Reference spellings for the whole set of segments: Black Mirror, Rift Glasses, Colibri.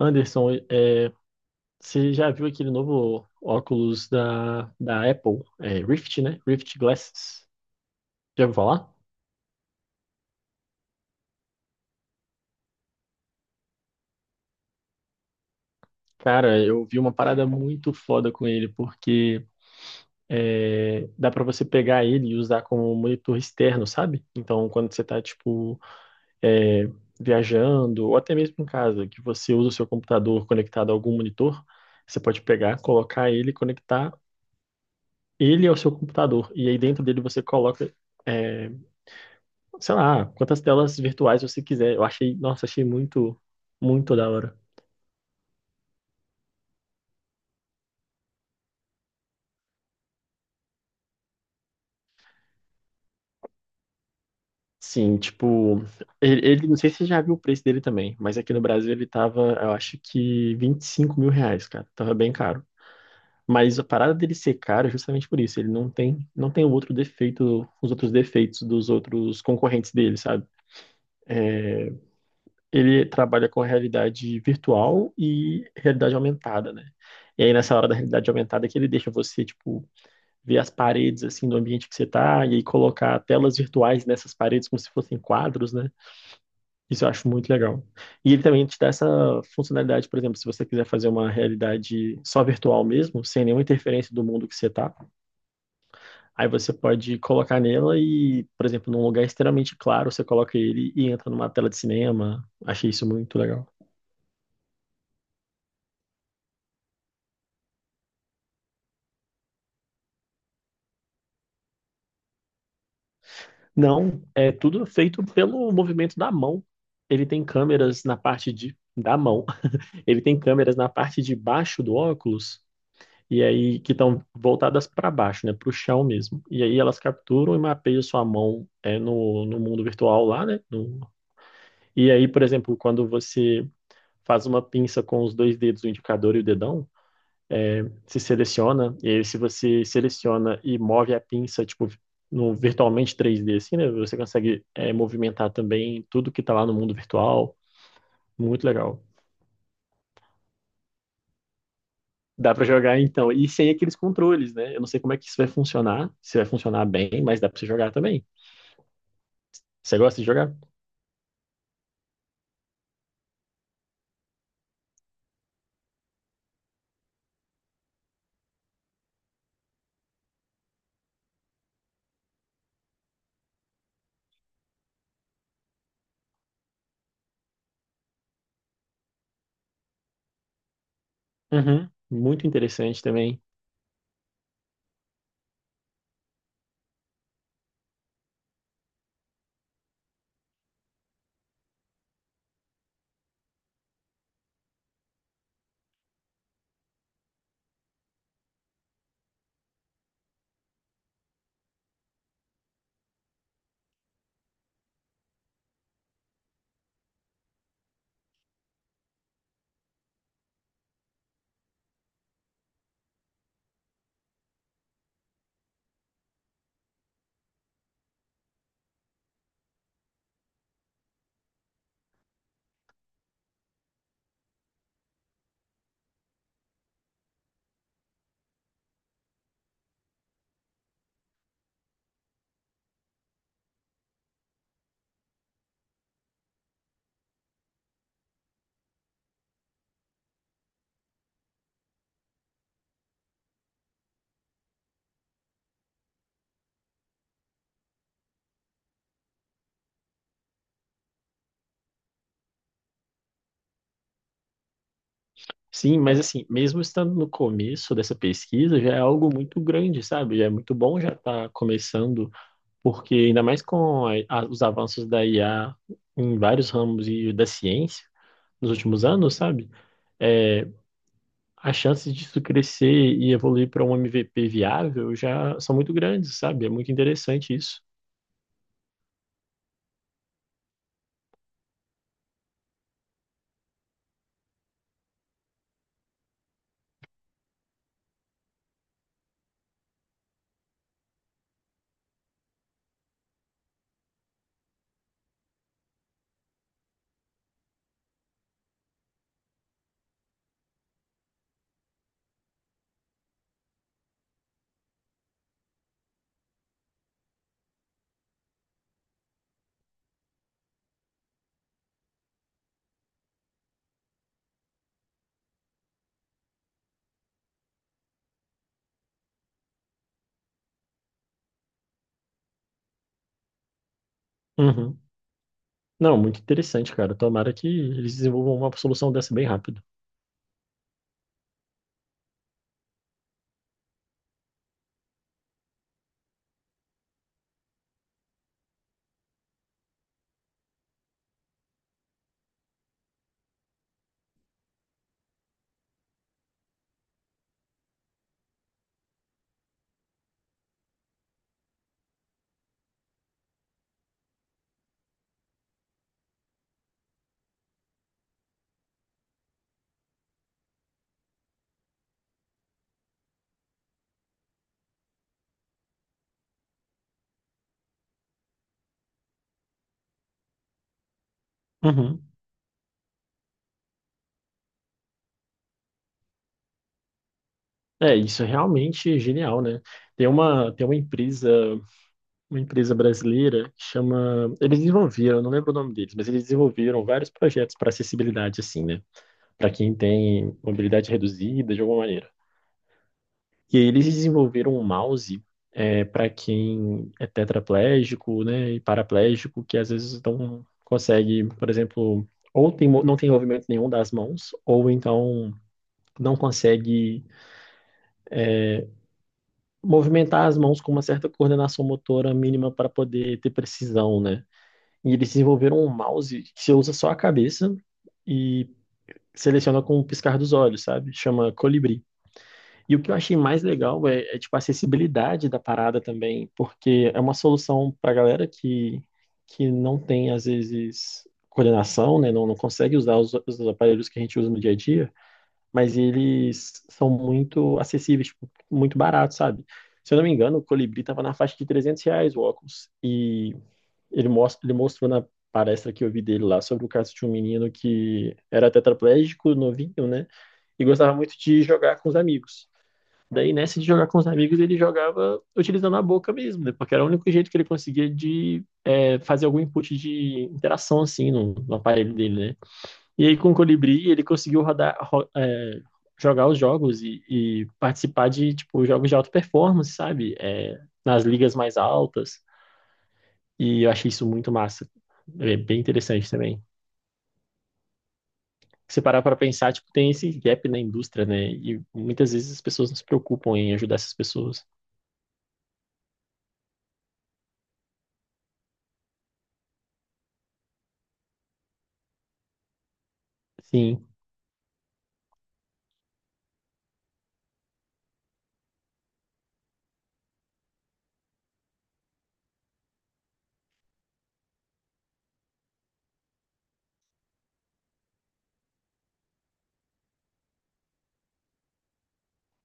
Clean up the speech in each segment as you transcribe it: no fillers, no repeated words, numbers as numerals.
Anderson, você já viu aquele novo óculos da Apple, Rift, né? Rift Glasses. Já ouviu falar? Cara, eu vi uma parada muito foda com ele, porque dá pra você pegar ele e usar como monitor externo, sabe? Então, quando você tá, tipo, é, viajando, ou até mesmo em casa, que você usa o seu computador conectado a algum monitor, você pode pegar, colocar ele, conectar ele ao seu computador. E aí dentro dele você coloca é, sei lá, quantas telas virtuais você quiser. Eu achei, nossa, achei muito, muito da hora. Sim, tipo, não sei se você já viu o preço dele também, mas aqui no Brasil ele tava, eu acho que R$ 25.000, cara. Tava bem caro. Mas a parada dele ser caro é justamente por isso. Ele não tem o outro defeito, os outros defeitos dos outros concorrentes dele, sabe? Ele trabalha com realidade virtual e realidade aumentada, né? E aí nessa hora da realidade aumentada que ele deixa você, tipo, ver as paredes assim do ambiente que você tá e aí colocar telas virtuais nessas paredes como se fossem quadros, né? Isso eu acho muito legal. E ele também te dá essa funcionalidade, por exemplo, se você quiser fazer uma realidade só virtual mesmo, sem nenhuma interferência do mundo que você tá, aí você pode colocar nela e, por exemplo, num lugar extremamente claro, você coloca ele e entra numa tela de cinema. Achei isso muito legal. Não, é tudo feito pelo movimento da mão. Ele tem câmeras na parte de, da mão. Ele tem câmeras na parte de baixo do óculos e aí que estão voltadas para baixo, né, para o chão mesmo. E aí elas capturam e mapeiam sua mão no mundo virtual lá, né? E aí, por exemplo, quando você faz uma pinça com os dois dedos, o indicador e o dedão, se seleciona, e aí se você seleciona e move a pinça, tipo, no virtualmente 3D, assim, né? Você consegue movimentar também tudo que está lá no mundo virtual. Muito legal. Dá pra jogar então. E sem aqueles controles, né? Eu não sei como é que isso vai funcionar, se vai funcionar bem, mas dá pra você jogar também. Você gosta de jogar? Uhum. Muito interessante também. Sim, mas assim, mesmo estando no começo dessa pesquisa, já é algo muito grande, sabe? Já é muito bom já estar começando, porque ainda mais com os avanços da IA em vários ramos e da ciência nos últimos anos, sabe? É, as chances disso crescer e evoluir para um MVP viável já são muito grandes, sabe? É muito interessante isso. Uhum. Não, muito interessante, cara. Tomara que eles desenvolvam uma solução dessa bem rápido. Uhum. Isso é realmente genial, né? Tem uma empresa brasileira que chama. Eles desenvolveram, eu não lembro o nome deles, mas eles desenvolveram vários projetos para acessibilidade, assim, né? Para quem tem mobilidade reduzida, de alguma maneira. E eles desenvolveram um mouse para quem é tetraplégico, né, e paraplégico, que às vezes não consegue, por exemplo, ou tem, não tem movimento nenhum das mãos, ou então não consegue movimentar as mãos com uma certa coordenação motora mínima para poder ter precisão, né? E eles desenvolveram um mouse que você usa só a cabeça e seleciona com o piscar dos olhos, sabe? Chama Colibri. E o que eu achei mais legal é, tipo, a acessibilidade da parada também, porque é uma solução para galera que não tem, às vezes, coordenação, né? Não, não consegue usar os aparelhos que a gente usa no dia a dia, mas eles são muito acessíveis, tipo, muito baratos, sabe? Se eu não me engano, o Colibri estava na faixa de R$ 300 o óculos, e ele mostrou na palestra que eu vi dele lá sobre o caso de um menino que era tetraplégico, novinho, né? E gostava muito de jogar com os amigos. Daí, nessa de jogar com os amigos, ele jogava utilizando a boca mesmo, né? Porque era o único jeito que ele conseguia de fazer algum input de interação, assim, no aparelho dele, né? E aí, com o Colibri, ele conseguiu jogar os jogos e participar de, tipo, jogos de alta performance, sabe? Nas ligas mais altas. E eu achei isso muito massa. É bem interessante também. Se parar para pensar, tipo, tem esse gap na indústria, né? E muitas vezes as pessoas não se preocupam em ajudar essas pessoas. Sim,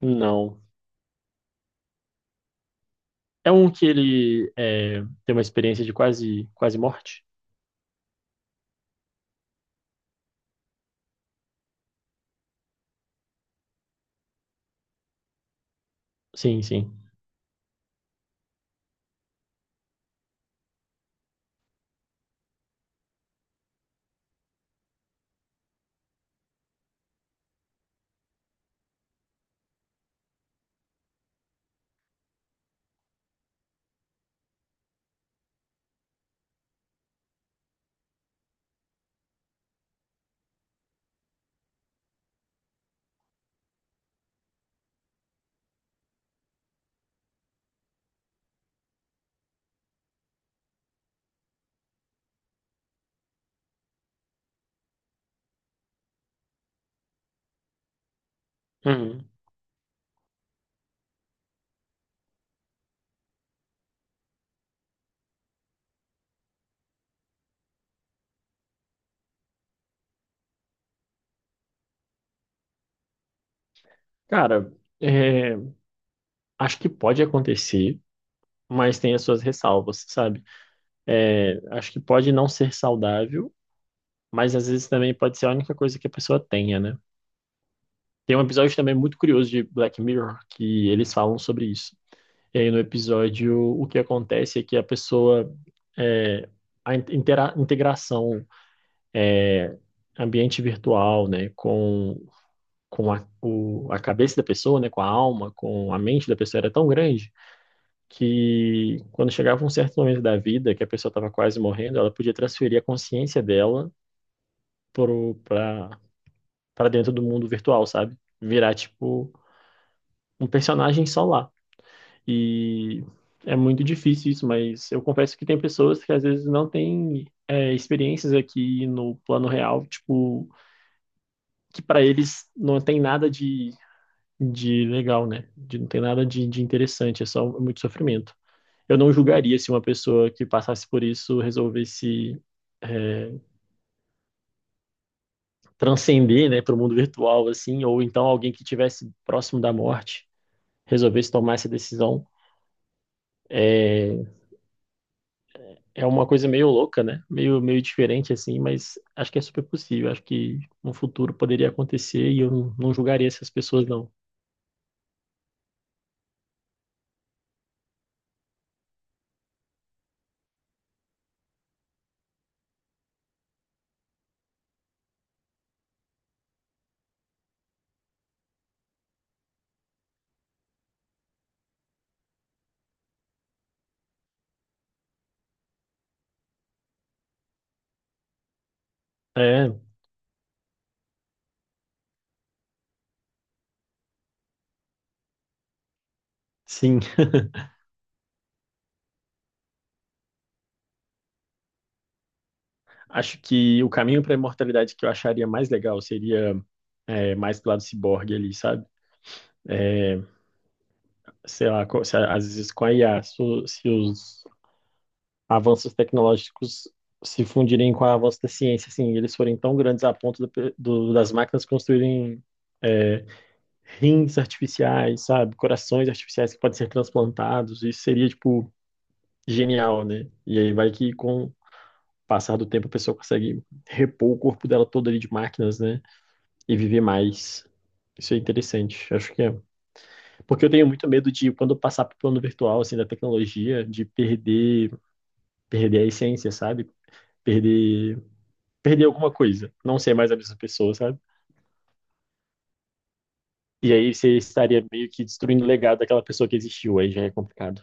não. É um que tem uma experiência de quase, quase morte? Sim, sim. Uhum. Cara, é, acho que pode acontecer, mas tem as suas ressalvas, sabe? Acho que pode não ser saudável, mas às vezes também pode ser a única coisa que a pessoa tenha, né? Tem um episódio também muito curioso de Black Mirror que eles falam sobre isso. E aí no episódio o que acontece é que a pessoa é, a integração ambiente virtual, né, com a cabeça da pessoa, né, com a alma, com a mente da pessoa era tão grande que quando chegava um certo momento da vida que a pessoa estava quase morrendo, ela podia transferir a consciência dela para dentro do mundo virtual, sabe? Virar tipo um personagem só lá. E é muito difícil isso, mas eu confesso que tem pessoas que às vezes não têm experiências aqui no plano real, tipo, que para eles não tem nada de legal, né? Não tem nada de interessante, é só muito sofrimento. Eu não julgaria se uma pessoa que passasse por isso resolvesse é, transcender, né, para o mundo virtual, assim, ou então alguém que tivesse próximo da morte resolvesse tomar essa decisão. É, É uma coisa meio louca, né? Meio, meio diferente, assim, mas acho que é super possível. Acho que no futuro poderia acontecer e eu não, não julgaria essas pessoas, não. É, sim. Acho que o caminho para a imortalidade que eu acharia mais legal seria mais pro lado ciborgue ali, sabe? É, sei lá, co- se a- às vezes com a IA, se os avanços tecnológicos se fundirem com o avanço da ciência, assim, eles forem tão grandes a ponto das máquinas construírem rins artificiais, sabe? Corações artificiais que podem ser transplantados, isso seria, tipo, genial, né? E aí vai que com o passar do tempo a pessoa consegue repor o corpo dela todo ali de máquinas, né? E viver mais. Isso é interessante, acho que é. Porque eu tenho muito medo de, quando eu passar para o plano virtual, assim, da tecnologia, de perder a essência, sabe? Perder, perder alguma coisa, não ser mais a mesma pessoa, sabe? E aí você estaria meio que destruindo o legado daquela pessoa que existiu, aí já é complicado.